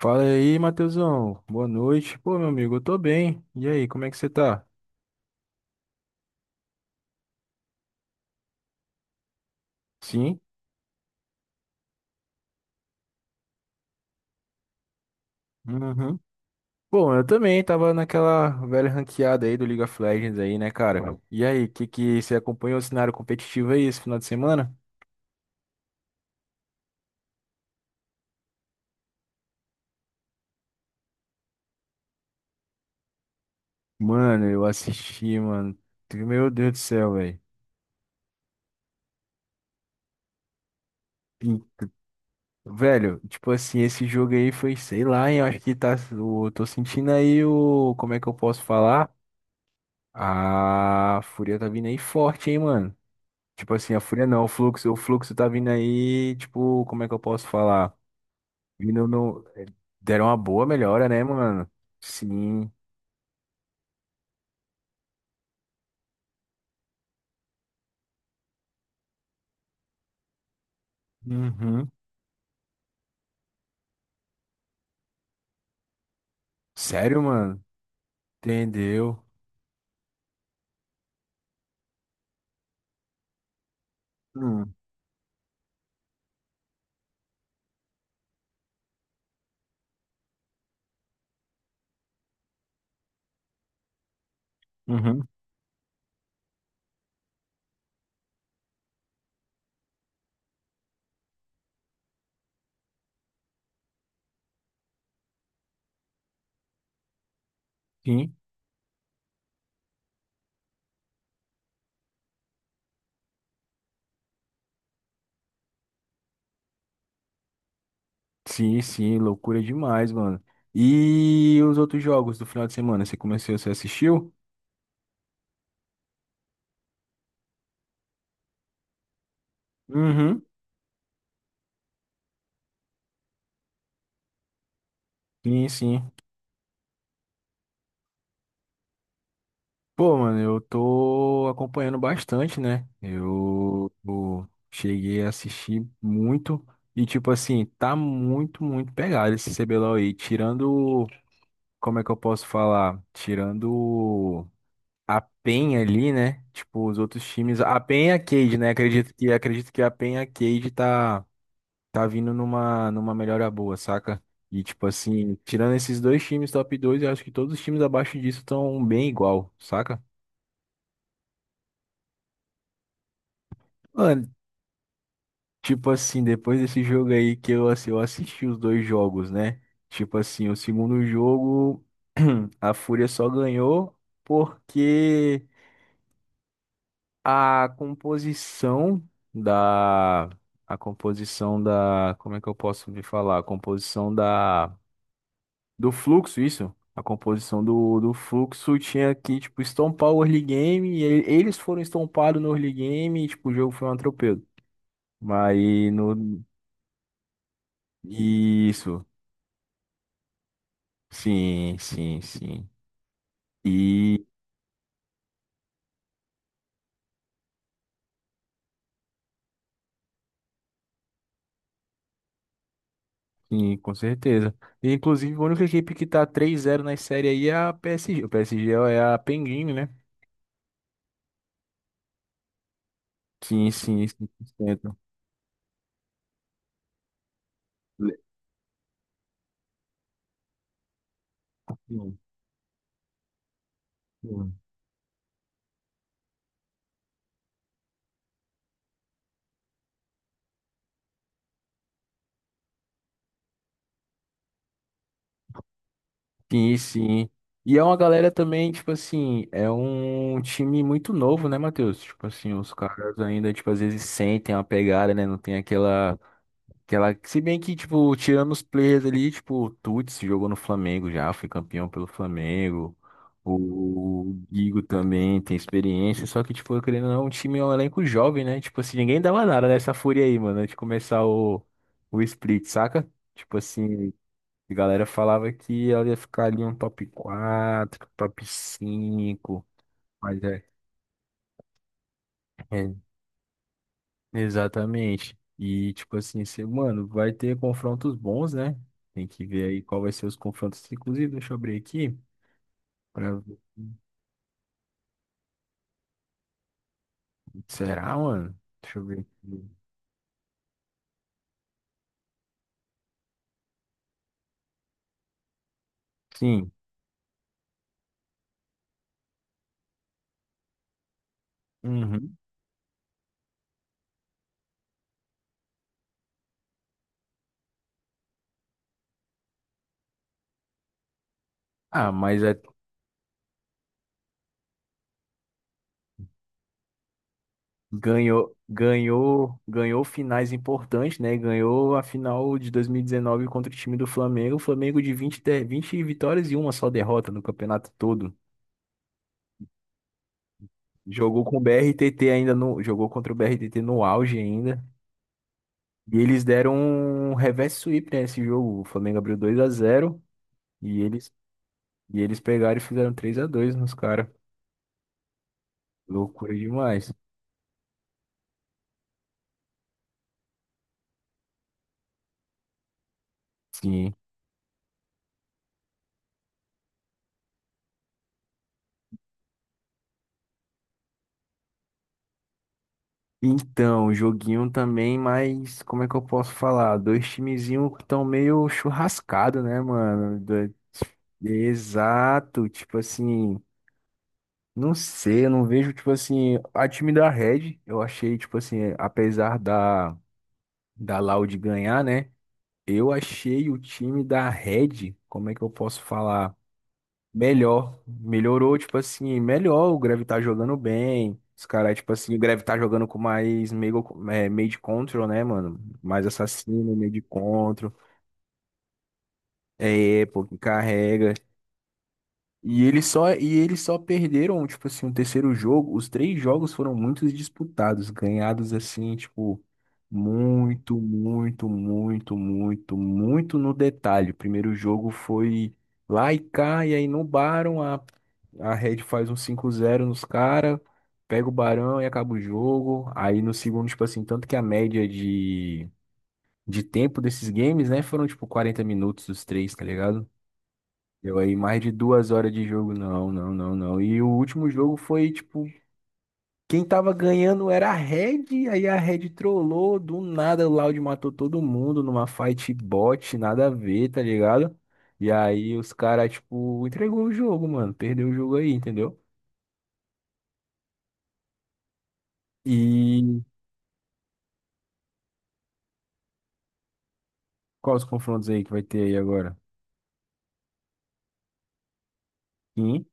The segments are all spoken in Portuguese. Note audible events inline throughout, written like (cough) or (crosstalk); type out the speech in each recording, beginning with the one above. Fala aí, Matheusão. Boa noite. Pô, meu amigo, eu tô bem. E aí, como é que você tá? Sim? Uhum. Bom, eu também tava naquela velha ranqueada aí do League of Legends aí, né, cara? E aí, que você acompanhou o cenário competitivo aí esse final de semana? Mano, eu assisti, mano. Meu Deus do céu, velho. E, Velho, tipo assim, esse jogo aí foi, sei lá, hein, eu acho que tá, eu tô sentindo aí o, como é que eu posso falar? A fúria tá vindo aí forte, hein, mano. Tipo assim, a fúria não, o fluxo tá vindo aí, tipo, como é que eu posso falar? Vindo no. Deram uma boa melhora, né, mano? Sim. Uhum. Sério, mano? Entendeu? Hum. Uhum. Sim. Sim, sim, loucura demais, mano. E os outros jogos do final de semana, você assistiu? Uhum. Sim, sim. Pô, mano, eu tô acompanhando bastante, né? Eu cheguei a assistir muito e, tipo assim, tá muito, muito pegado esse CBLOL aí. Tirando, como é que eu posso falar? Tirando a PEN ali, né? Tipo, os outros times. A PEN e a Cade, né? Acredito que a PEN e a Cade tá, vindo numa melhora boa, saca? E, tipo assim, tirando esses dois times top dois, eu acho que todos os times abaixo disso estão bem igual, saca? Mano, tipo assim, depois desse jogo aí que eu assisti os dois jogos, né? Tipo assim, o segundo jogo, (clears throat) a Fúria só ganhou porque a composição da. A composição da. Como é que eu posso me falar? A composição da. Do fluxo, isso? A composição do fluxo tinha que, tipo, estompar o early game. E eles foram estompados no early game. E, tipo, o jogo foi um atropelo. Mas no. Isso. Sim, sim, sim. E sim, com certeza. E, inclusive, a única equipe que tá 3-0 na série aí é a PSG. O PSG é a Penguin, né? Sim, sim, 100%. Le- Sim, sim. Sim, sim. E é uma galera também, tipo assim, é um time muito novo, né, Matheus? Tipo assim, os caras ainda, tipo, às vezes sentem uma pegada, né? Não tem aquela. Aquela, se bem que, tipo, tirando os players ali, tipo, o Tuts jogou no Flamengo já, foi campeão pelo Flamengo. O Guigo também tem experiência, só que, tipo, querendo ou não, o time é um elenco jovem, né? Tipo assim, ninguém dava nada nessa fúria aí, mano, antes de começar o split, saca? Tipo assim, a galera falava que ela ia ficar ali um top 4, top 5, mas é. Exatamente. E, tipo assim, você, mano, vai ter confrontos bons, né? Tem que ver aí qual vai ser os confrontos. Inclusive, deixa eu abrir aqui. Pra ver. Será, mano? Deixa eu ver aqui. Sim. Uhum. Ah, ganhou, ganhou, ganhou finais importantes, né? Ganhou a final de 2019 contra o time do Flamengo. O Flamengo de 20, 20 vitórias e uma só derrota no campeonato todo. Jogou com o BRTT ainda no, jogou contra o BRTT no auge ainda. E eles deram um reverse sweep, né, nesse jogo. O Flamengo abriu 2-0, e eles pegaram e fizeram 3-2 nos caras. Loucura demais. Sim. Então, joguinho também, mas como é que eu posso falar? Dois timezinhos que estão meio churrascado, né, mano? Exato, tipo assim, não sei, eu não vejo, tipo assim, a time da Red, eu achei, tipo assim, apesar da Loud ganhar, né? Eu achei o time da Red, como é que eu posso falar? Melhor. Melhorou, tipo assim, melhor. O Greve tá jogando bem. Os caras, tipo assim, o Greve tá jogando com mais meio, meio de control, né, mano? Mais assassino, meio de control. É, pô, que carrega. E eles só perderam, tipo assim, o terceiro jogo. Os três jogos foram muito disputados, ganhados assim, tipo, muito, muito, muito, muito, muito no detalhe. O primeiro jogo foi lá e cá, e aí no Barão a Red faz um 5-0 nos caras, pega o Barão e acaba o jogo. Aí no segundo, tipo assim, tanto que a média de tempo desses games, né, foram tipo 40 minutos os três, tá ligado? Deu aí mais de 2 horas de jogo, não, não, não, não. E o último jogo foi, tipo, quem tava ganhando era a Red, aí a Red trollou, do nada o Loud matou todo mundo numa fight bot, nada a ver, tá ligado? E aí os caras, tipo, entregou o jogo, mano, perdeu o jogo aí, entendeu? E quais os confrontos aí que vai ter aí agora? Sim,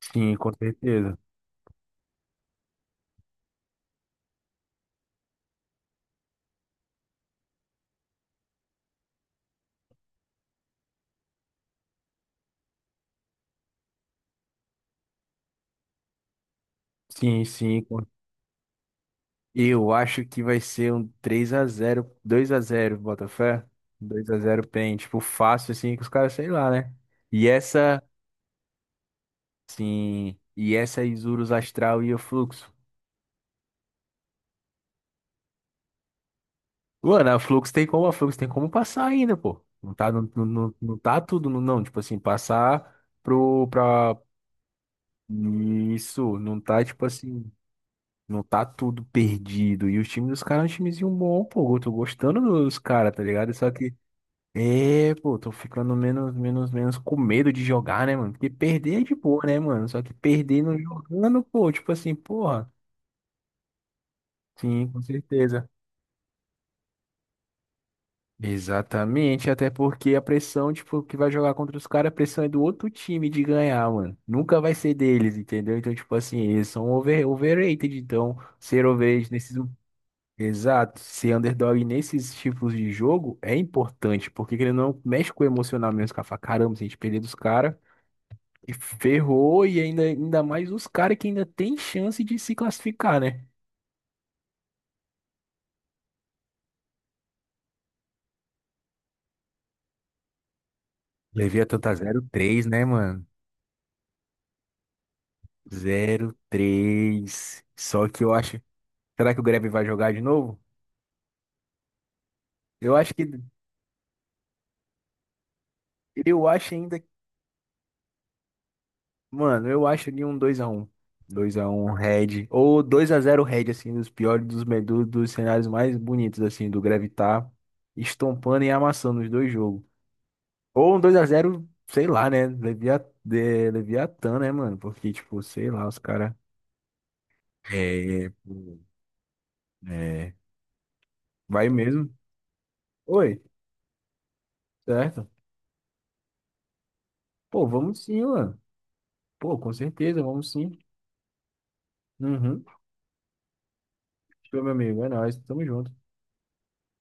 sim, com certeza. Sim, sim, eu acho que vai ser um 3-0, 2-0 Botafé. 2-0 PEN, tipo, fácil assim, que os caras, sei lá, né? E essa, sim, e essa é Isurus Astral e o Fluxo. Mano, a Flux tem como passar ainda, pô. Não tá, não, não, não, não tá tudo, não, não. Tipo assim, passar pro, pra. Isso, não tá, tipo assim, não tá tudo perdido. E o time dos caras é um timezinho bom, pô. Eu tô gostando dos caras, tá ligado? Só que. É, pô, tô ficando menos, menos, menos com medo de jogar, né, mano? Porque perder é de boa, né, mano? Só que perder não jogando, pô, tipo assim, porra. Sim, com certeza. Exatamente, até porque a pressão, tipo, que vai jogar contra os caras, a pressão é do outro time de ganhar, mano. Nunca vai ser deles, entendeu? Então, tipo assim, eles são overrated. Então, ser overrated nesses. Exato, ser underdog nesses tipos de jogo é importante, porque ele não mexe com o emocional mesmo, cara. Fala, caramba, se a gente perder dos caras. E ferrou e ainda mais os caras que ainda tem chance de se classificar, né? Levei a tanta 0-3, né, mano? 0-3. Só que eu acho. Será que o Grêmio vai jogar de novo? Eu acho que eu acho ainda, mano, eu acho ali um 2-1. 2-1 Red. Ou 2-0 Red, assim, dos piores, dos cenários mais bonitos, assim, do Greve tá estompando e amassando os dois jogos. Ou um 2-0, sei lá, né? Leviatã, né, mano? Porque, tipo, sei lá, os caras. É, pô, é. Vai mesmo. Oi, certo? Pô, vamos sim, mano. Pô, com certeza, vamos sim. Uhum. Show, meu amigo. É nóis. Tamo junto.